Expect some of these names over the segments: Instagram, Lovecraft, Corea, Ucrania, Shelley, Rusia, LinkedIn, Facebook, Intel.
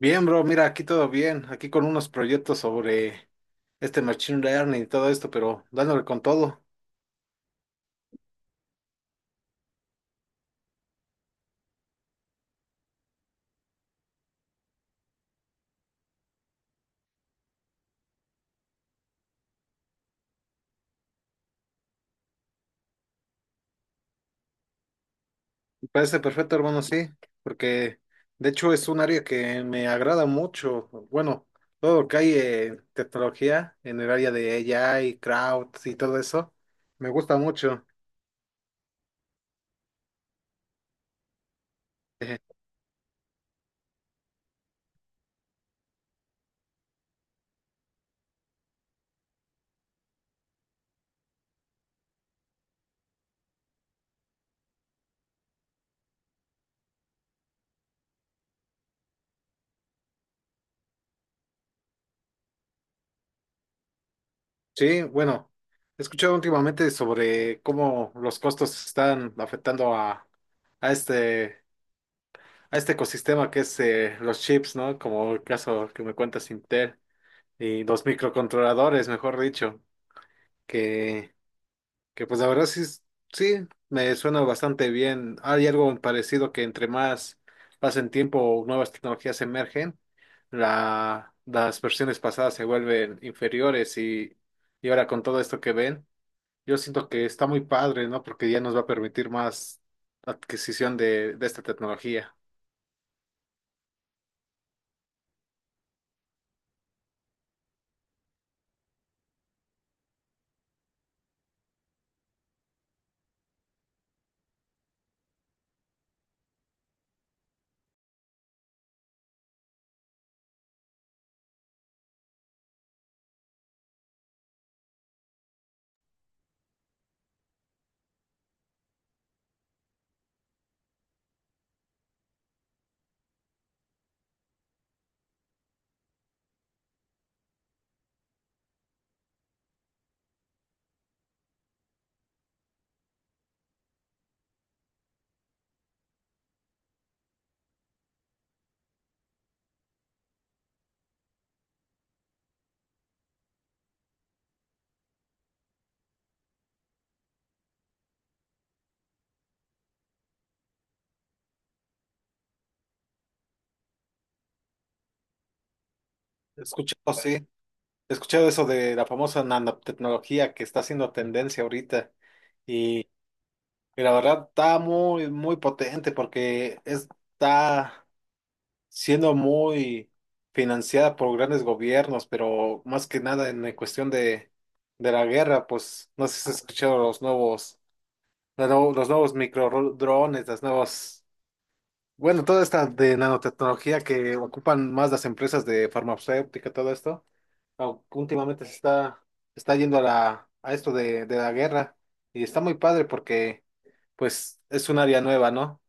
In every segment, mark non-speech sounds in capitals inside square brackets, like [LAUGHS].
Bien, bro, mira, aquí todo bien, aquí con unos proyectos sobre machine learning y todo esto, pero dándole con todo. Me parece perfecto, hermano, sí, porque de hecho es un área que me agrada mucho. Bueno, todo lo que hay en tecnología en el área de AI, crowd y todo eso, me gusta mucho. Eh, Sí, bueno, he escuchado últimamente sobre cómo los costos están afectando a este. a este ecosistema que es los chips, ¿no? Como el caso que me cuentas Intel y los microcontroladores, mejor dicho, que, que pues la verdad sí, sí, me suena bastante bien. Hay algo parecido que entre más pasen tiempo, nuevas tecnologías emergen, las versiones pasadas se vuelven inferiores y ahora con todo esto que ven, yo siento que está muy padre, ¿no? Porque ya nos va a permitir más adquisición de esta tecnología. Escuchado, sí. He escuchado eso de la famosa nanotecnología que está haciendo tendencia ahorita y, y la verdad está muy, muy potente porque está siendo muy financiada por grandes gobiernos, pero más que nada en la cuestión de la guerra, pues no sé si has escuchado los nuevos microdrones, las nuevas, bueno, toda esta de nanotecnología que ocupan más las empresas de farmacéutica, todo esto aunque últimamente se está yendo a a esto de la guerra y está muy padre porque pues es un área nueva, ¿no?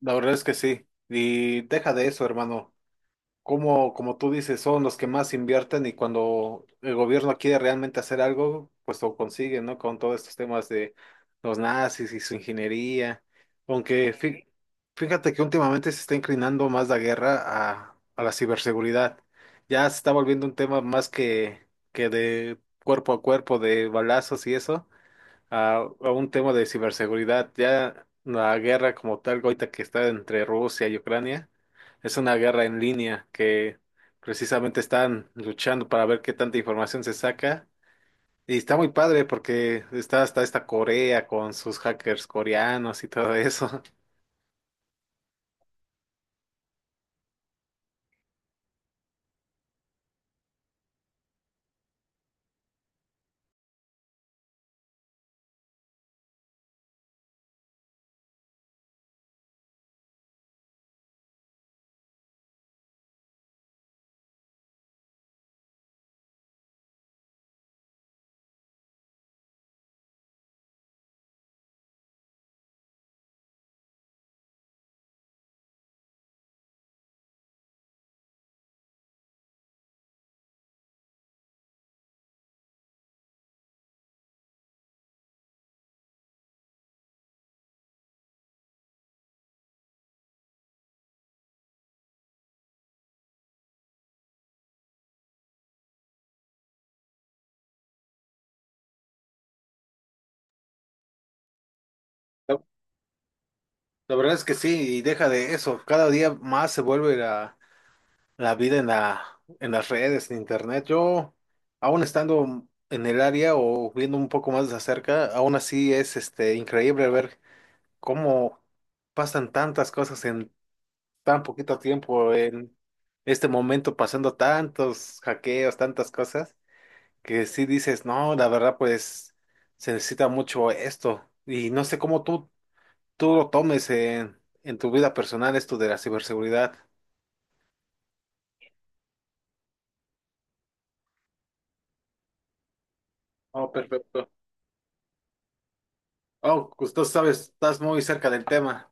La verdad es que sí. Y deja de eso, hermano. Como tú dices, son los que más invierten y cuando el gobierno quiere realmente hacer algo, pues lo consiguen, ¿no? Con todos estos temas de los nazis y su ingeniería. Sí, fíjate que últimamente se está inclinando más la guerra a la ciberseguridad. Ya se está volviendo un tema más que de cuerpo a cuerpo, de balazos y eso, a un tema de ciberseguridad. Ya la guerra como tal, ahorita que está entre Rusia y Ucrania, es una guerra en línea que precisamente están luchando para ver qué tanta información se saca. Y está muy padre porque está hasta esta Corea con sus hackers coreanos y todo eso. [LAUGHS] La la verdad es que sí, y deja de eso, cada día más se vuelve la vida en en las redes, en internet. Yo, aún estando en el área o viendo un poco más de cerca, aún así es increíble ver cómo pasan tantas cosas en tan poquito tiempo, en este momento pasando tantos hackeos, tantas cosas, que sí dices, no, la verdad, pues se necesita mucho esto. Y no sé cómo tú lo tomes en tu vida personal, esto de la ciberseguridad. Oh, perfecto. Oh, pues tú sabes, estás muy cerca del tema.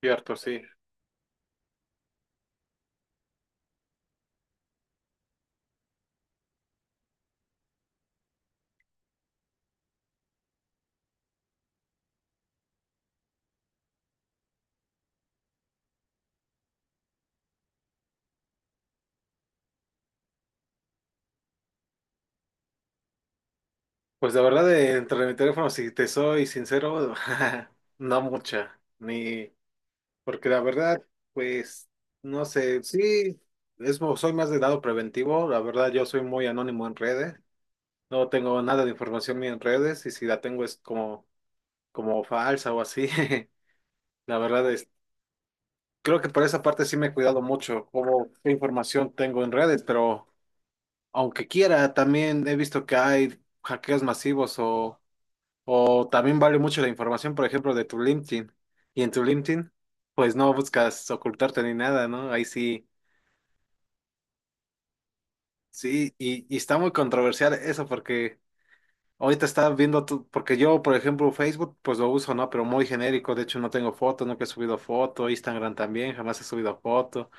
Cierto, sí. Pues la verdad, entre mi teléfono, si te soy sincero, [LAUGHS] no mucha, ni, porque la verdad, pues, no sé, sí, es, soy más de lado preventivo, la verdad, yo soy muy anónimo en redes, no tengo nada de información mía en redes, y si la tengo es como, como falsa o así. [LAUGHS] La verdad es, creo que por esa parte sí me he cuidado mucho, como qué información tengo en redes, pero aunque quiera, también he visto que hay hackeos masivos o también vale mucho la información, por ejemplo, de tu LinkedIn. Y en tu LinkedIn, pues no buscas ocultarte ni nada, ¿no? Ahí sí, sí, y está muy controversial eso porque ahorita está viendo tú, porque yo, por ejemplo, Facebook, pues lo uso, ¿no? Pero muy genérico, de hecho no tengo foto, nunca he subido foto, Instagram también, jamás he subido foto.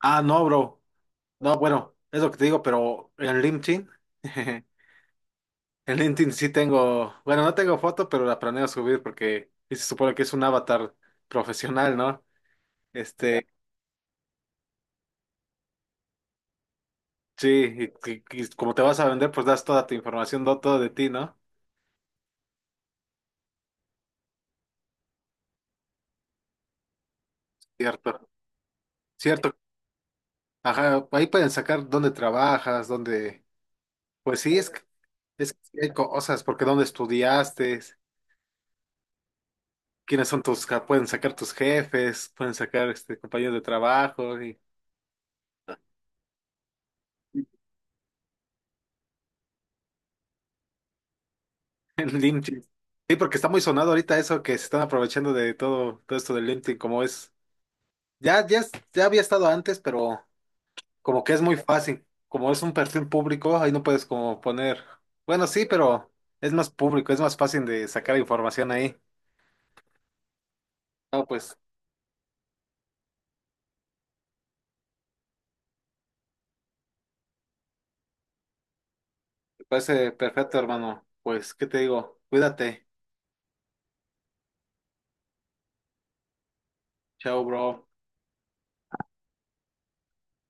Ah, no, bro. No, bueno, es lo que te digo, pero en LinkedIn. [LAUGHS] En LinkedIn sí tengo, bueno, no tengo foto, pero la planeo subir porque y se supone que es un avatar profesional, ¿no? Este, sí, y como te vas a vender, pues das toda tu información, todo de ti, ¿no? Cierto, cierto. Ajá, ahí pueden sacar dónde trabajas, dónde, pues sí, es que hay cosas, porque dónde estudiaste, quiénes son tus, pueden sacar tus jefes, pueden sacar compañeros de trabajo, y [LAUGHS] en LinkedIn. Sí, porque está muy sonado ahorita eso que se están aprovechando de todo, todo esto del LinkedIn, como es. Ya había estado antes, pero como que es muy fácil. Como es un perfil público, ahí no puedes como poner. Bueno, sí, pero es más público, es más fácil de sacar información ahí. No, pues, me parece perfecto, hermano. Pues, ¿qué te digo? Cuídate. Chao, bro.